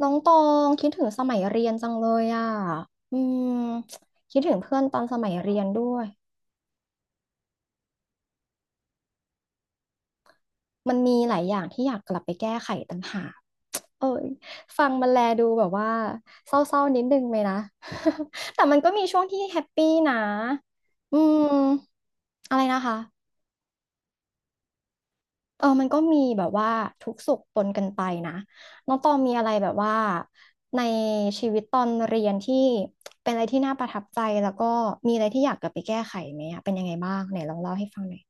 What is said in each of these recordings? น้องตองคิดถึงสมัยเรียนจังเลยอ่ะอืมคิดถึงเพื่อนตอนสมัยเรียนด้วย มันมีหลายอย่างที่อยากกลับไปแก้ไขต่างหากเอ้ยฟังมันแลดูแบบว่าเศร้าๆนิดนึงไหมนะ แต่มันก็มีช่วงที่แฮปปี้นะอืมอะไรนะคะ เออมันก็มีแบบว่าทุกข์สุขปนกันไปนะน้องตองมีอะไรแบบว่าในชีวิตตอนเรียนที่เป็นอะไรที่น่าประทับใจแล้วก็มีอะไรที่อยากกลับไปแก้ไขไหมอะเป็นยังไงบ้างไหนลองเล่าให้ฟังหน่อย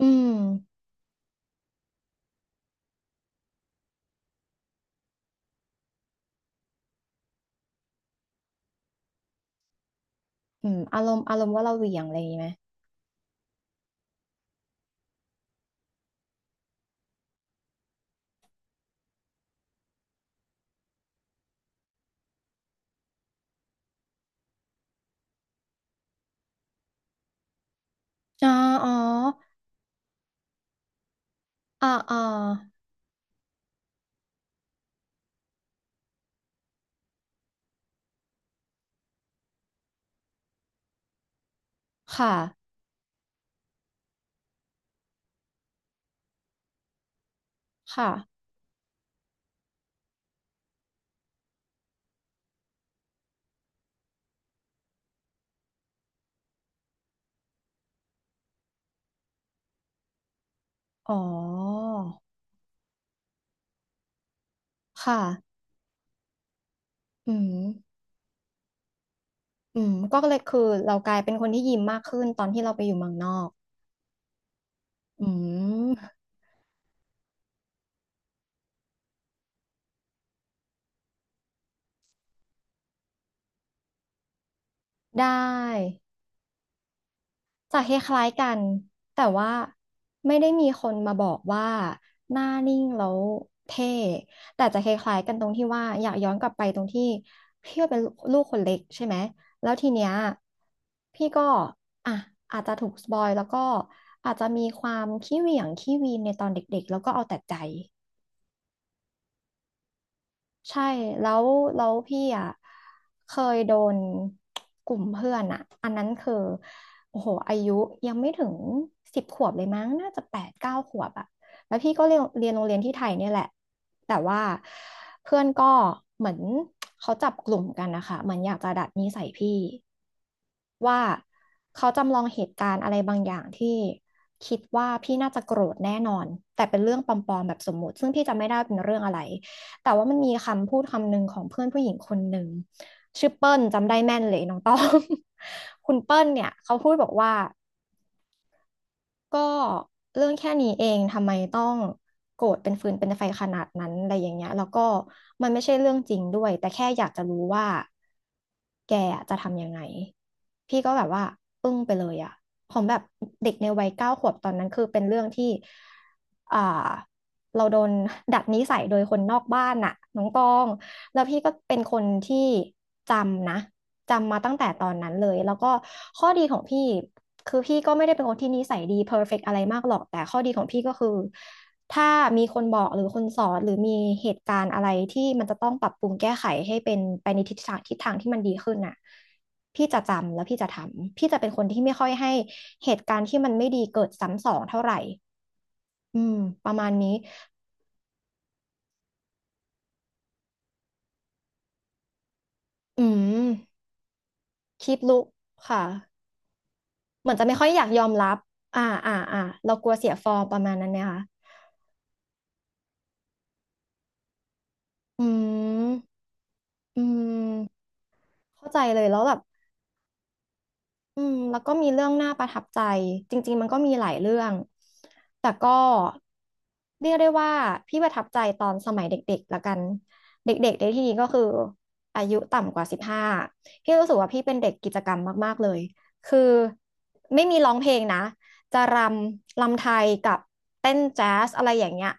อืมอารมณ์ว่าเราเหวี่ยงอะไรอย่างงี้ไหมอ๋ออ๋ออ่าอ่าค่ะค่ะอ๋อค่ะอืมอืมก็เลยคือเรากลายเป็นคนที่ยิ้มมากขึ้นตอนที่เราไปอยู่เมืองนอกอืมได้ จะคล้ายๆกันแต่ว่าไม่ได้มีคนมาบอกว่าหน้านิ่งแล้วเท่แต่จะคล้ายๆกันตรงที่ว่าอยากย้อนกลับไปตรงที่พี่ก็เป็นลูกคนเล็กใช่ไหมแล้วทีเนี้ยพี่ก็อ่ะอาจจะถูกสปอยแล้วก็อาจจะมีความขี้เหวี่ยงขี้วีนในตอนเด็กๆแล้วก็เอาแต่ใจ ใช่แล้วแล้วพี่อ่ะเคยโดนกลุ่มเพื่อนอ่ะอันนั้นคือโอ้โหอายุยังไม่ถึง10 ขวบเลยมั้งน่าจะ8-9 ขวบอ่ะแล้วพี่ก็เรียนโรงเรียนที่ไทยเนี่ยแหละแต่ว่าเพื่อนก็เหมือนเขาจับกลุ่มกันนะคะเหมือนอยากจะดัดนิสัยพี่ว่าเขาจำลองเหตุการณ์อะไรบางอย่างที่คิดว่าพี่น่าจะโกรธแน่นอนแต่เป็นเรื่องปลอมๆแบบสมมุติซึ่งพี่จำไม่ได้เป็นเรื่องอะไร แต่ว่ามันมีคำพูดคำหนึ่งของเพื่อนผู้หญิงคนหนึ่งชื่อเปิ้ลจำได้แม่นเลยน้องต้อง คุณเปิ้ลเนี่ยเขาพูดบอกว่าก็เรื่องแค่นี้เองทำไมต้องโกรธเป็นฟืนเป็นไฟขนาดนั้นอะไรอย่างเงี้ยแล้วก็มันไม่ใช่เรื่องจริงด้วยแต่แค่อยากจะรู้ว่าแกอะจะทำยังไงพี่ก็แบบว่าอึ้งไปเลยอะผมแบบเด็กในวัยเก้าขวบตอนนั้นคือเป็นเรื่องที่ อ่าเราโดนดัดนิสัยโดยคนนอกบ้านน่ะน้องตองแล้วพี่ก็เป็นคนที่จำนะจำมาตั้งแต่ตอนนั้นเลยแล้วก็ข้อดีของพี่คือพี่ก็ไม่ได้เป็นคนที่นิสัยดีเพอร ER ฟกต์อะไรมากหรอกแต่ข้อดีของพี่ก็คือถ้ามีคนบอกหรือคนสอนหรือมีเหตุการณ์อะไรที่มันจะต้องปรับปรุงแก้ไขให้เป็นไปในทิศทางที่มันดีขึ้นน่ะพี่จะจำแล้วพี่จะทำพี่จะเป็นคนที่ไม่ค่อยให้เหตุการณ์ที่มันไม่ดีเกิดซ้ำสองเท่าไหร่ อืมประมาณนี้อืมคีปลุกค่ะ เหมือนจะไม่ค่อยอยากยอมรับ อ่า อ่า อ่าเรากลัวเสียฟอร์มประมาณนั้นไหมคะอืม อืม เข้าใจเลยแล้วแบบ อืมแล้วก็มีเรื่องน่าประทับใจจริงๆมันก็มีหลายเรื่องแต่ก็เรียกได้ว่าพี่ประทับใจตอนสมัยเด็กๆละกันเด็กๆในที่นี้ก็คืออายุต่ำกว่า15พี่รู้สึกว่าพี่เป็นเด็กกิจกรรมมากๆเลยคือไม่มีร้องเพลงนะจะรำรำไทยกับเต้นแจ๊สอะไรอย่างเงี้ย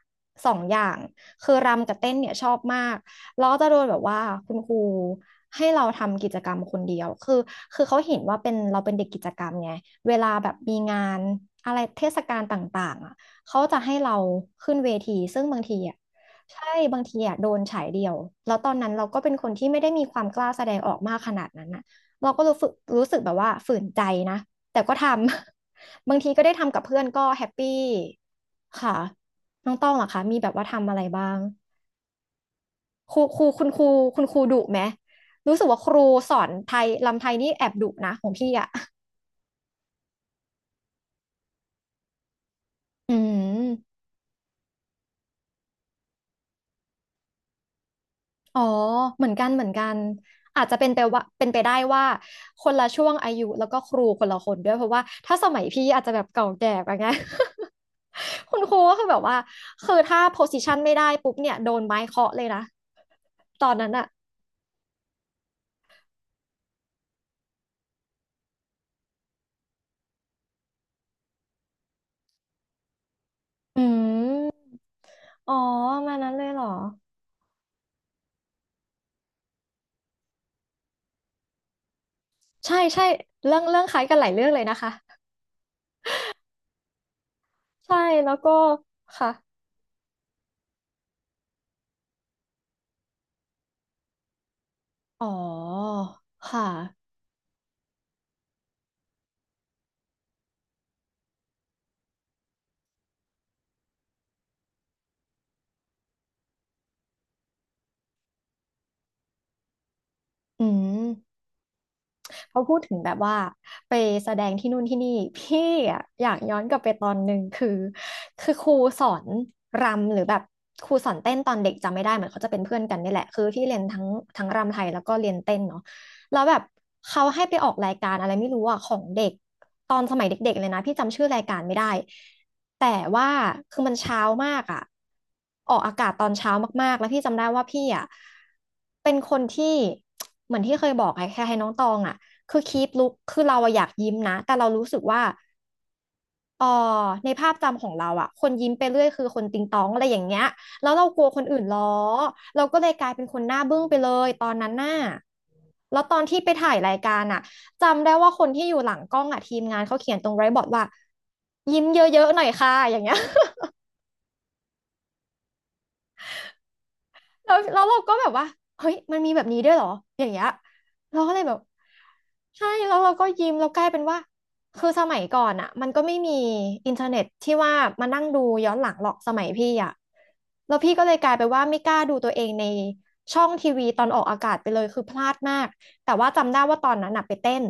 สองอย่างคือรำกับเต้นเนี่ยชอบมาก เราก็จะโดนแบบว่าคุณครูให้เราทำกิจกรรมคนเดียวคือคือเขาเห็นว่าเป็นเราเป็นเด็กกิจกรรมไงเวลาแบบมีงานอะไรเทศกาลต่างๆอ่ะเขาจะให้เราขึ้นเวทีซึ่งบางทีอ่ะใช่บางทีอ่ะโดนฉายเดียวแล้วตอนนั้นเราก็เป็นคนที่ไม่ได้มีความกล้าแสดงออกมากขนาดนั้นอ่ะเราก็รู้สึกแบบว่าฝืนใจนะแต่ก็ทำ บางทีก็ได้ทำกับเพื่อนก็แฮปปี้ค่ะน้องต้องเหรอคะมีแบบว่าทำอะไรบ้าง ครูครูคุณครูคุณครูดุไหมรู้สึกว่าครูสอนไทยลำไทยนี่แอบดุนะของพี่อ่ะ อืมอ๋อเหมือนกันเหมือนกันอาจจะเป็นไปว่าเป็นไปได้ว่าคนละช่วงอายุแล้วก็ครูคนละคนด้วยเพราะว่าถ้าสมัยพี่อาจจะแบบเก่าแก่ไปไง คุณครูก็คือแบบว่าคือถ้าโพสิชันไม่ได้ปุ๊บเนี่ยโดนไม้เคาะเลยนะตอนนั้นอะอืมอ๋อมานั้นเลยเหรอใช่ใช่เรื่องเรื่องคล้ายกันหลายเรื่องเลยนะคะใช่แล้วก็ค่ะ อ๋อค่ะอืม เขาพูดถึงแบบว่าไปแสดงที่นู่นที่นี่พี่อะอยากย้อนกลับไปตอนหนึ่งคือครูสอนรำหรือแบบครูสอนเต้นตอนเด็กจำไม่ได้เหมือนเขาจะเป็นเพื่อนกันนี่แหละคือพี่เรียนทั้งรำไทยแล้วก็เรียนเต้นเนาะแล้วแบบเขาให้ไปออกรายการอะไรไม่รู้อ่ะของเด็กตอนสมัยเด็กๆเลยนะพี่จำชื่อรายการไม่ได้แต่ว่าคือมันเช้ามากอ่ะออกอากาศตอนเช้ามากๆแล้วพี่จำได้ว่าพี่อ่ะเป็นคนที่ เหมือนที่เคยบอกไอ้แค่ให้น้องตองอ่ะ คือคีปลุกคือเราอะอยากยิ้มนะแต่เรารู้สึกว่าอ๋อในภาพจำของเราอะคนยิ้มไปเรื่อยคือคนติงตองอะไรอย่างเงี้ยแล้วเรากลัวคนอื่นล้อเราก็เลยกลายเป็นคนหน้าบึ้งไปเลยตอนนั้นน่ะแล้วตอนที่ไปถ่ายรายการอะจำได้ว่าคนที่อยู่หลังกล้องอะทีมงานเขาเขียนตรงไรบอร์ดว่ายิ้มเยอะๆหน่อยค่ะอย่างเงี้ย แล้วเราก็แบบว่าเฮ้ยมันมีแบบนี้ด้วยเหรออย่างเงี้ยเราก็เลยแบบใช่แล้วเราก็ยิ้มแล้วกลายเป็นว่าคือสมัยก่อนอ่ะมันก็ไม่มีอินเทอร์เน็ตที่ว่ามานั่งดูย้อนหลังหรอกสมัยพี่อ่ะแล้วพี่ก็เลยกลายไปว่าไม่กล้าดูตัวเองในช่องทีวีตอนออกอากาศไปเลยคือพลาดมากแต่ว่าจำได้ว่าตอนนั้นน่ะไปเต้น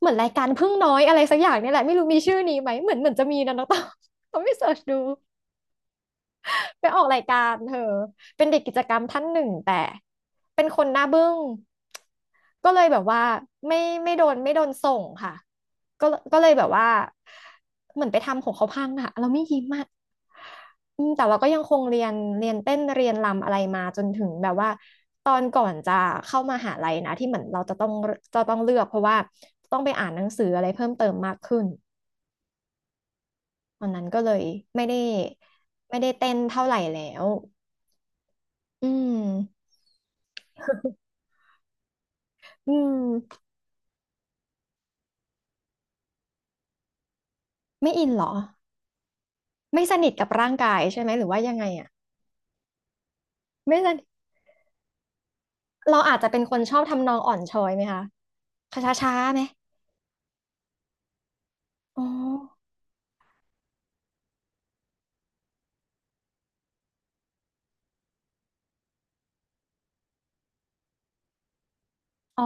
เหมือนรายการพึ่งน้อยอะไรสักอย่างเนี่ยแหละไม่รู้มีชื่อนี้ไหมเหมือนจะมีนะน้องต้องต้องไปเสิร์ชดู ไปออกรายการเธอเป็นเด็กกิจกรรมท่านหนึ่งแต่เป็นคนหน้าบึ้งก็เลยแบบว่าไม่ไม่โดนส่งค่ะก็ก็เลยแบบว่าเหมือนไปทำของเขาพังอะเราไม่ยิ้มอะอืมแต่เราก็ยังคงเรียนเต้นเรียนรำอะไรมาจนถึงแบบว่าตอนก่อนจะเข้ามหาลัยนะที่เหมือนเราจะต้องเลือกเพราะว่าต้องไปอ่านหนังสืออะไรเพิ่มเติมมากขึ้นตอนนั้นก็เลยไม่ได้ไม่ได้เต้นเท่าไหร่แล้วอืม อืมไม่อินเหรอไม่สนิทกับร่างกายใช่ไหมหรือว่ายังไงอะไม่สนิทเราอาจจะเป็นคนชอบทำนองอ่อนช้อยไหมคะช้าช้าๆไหมอ๋ออ๋อ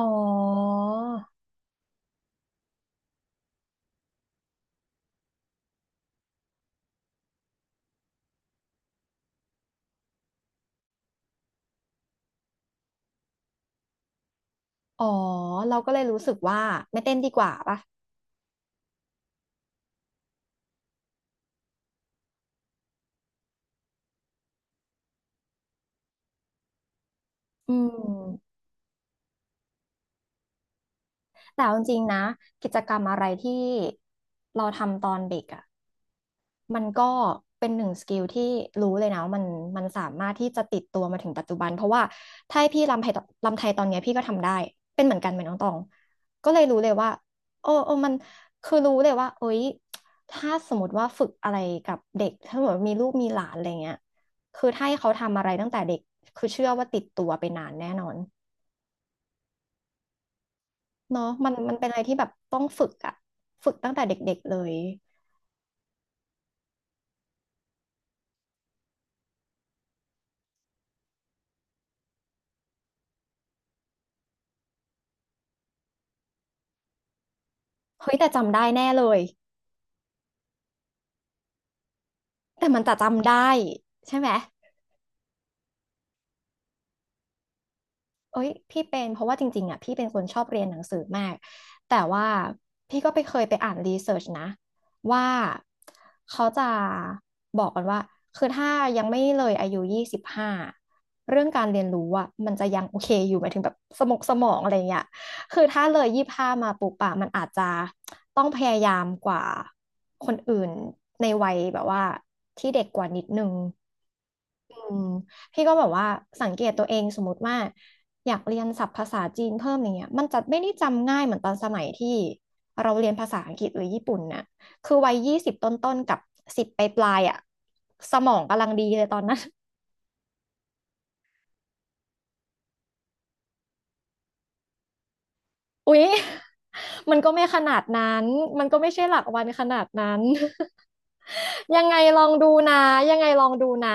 อ๋อเราก็เลยรู้สึกว่าไม่เต้นดีกว่าป่ะอืมแต่เอาจริงๆนะกิจกรรมอะไรที่เราทำตอนเด็กอะ มันก็เป็นหนึ่งสกิลที่รู้เลยนะว่ามันสามารถที่จะติดตัวมาถึงปัจจุบันเพราะว่าถ้าให้พี่รำไทยรำไทยตอนเนี้ยพี่ก็ทำได้เป็นเหมือนกันไหมนน้องตองก็เลยรู้เลยว่าโอ้โอ้มันคือรู้เลยว่าเอ้ยถ้าสมมติว่าฝึกอะไรกับเด็กถ้าสมมติมีลูกมีหลานอะไรเงี้ยคือถ้าให้เขาทำอะไรตั้งแต่เด็กคือเชื่อว่าติดตัวไปนานแน่นอนเนาะมันเป็นอะไรที่แบบต้องฝึกอะฝึกตั้งแต่เด็กๆเลยเฮ้ยแต่จำได้แน่เลยแต่มันจะจำได้ใช่ไหม เอ้ยพี่เป็นเพราะว่าจริงๆอ่ะพี่เป็นคนชอบเรียนหนังสือมากแต่ว่าพี่ก็ไปเคยไปอ่านรีเสิร์ชนะว่าเขาจะบอกกันว่าคือถ้ายังไม่เลยอายุยี่สิบห้าเรื่องการเรียนรู้อ่ะมันจะยังโอเคอยู่หมายถึงแบบสมองอะไรเงี้ยคือถ้าเลยยี่สิบห้ามาปุ๊บอะมันอาจจะต้องพยายามกว่าคนอื่นในวัยแบบว่าที่เด็กกว่านิดนึงอืมพี่ก็แบบว่าสังเกตตัวเองสมมติว่า อยากเรียนศัพท์ภาษาจีนเพิ่มอย่างเงี้ยมันจะไม่ได้จำง่ายเหมือนตอนสมัยที่เราเรียนภาษาอังกฤษหรือญี่ปุ่นน่ะคือวัยยี่สิบต้นๆกับสิบปลายๆอ่ะสมองกำลังดีเลยตอนนั้น อุ๊ยมันก็ไม่ขนาดนั้นมันก็ไม่ใช่หลักวันขนาดนั้น ยังไงลองดูนะยังไงลองดูนะ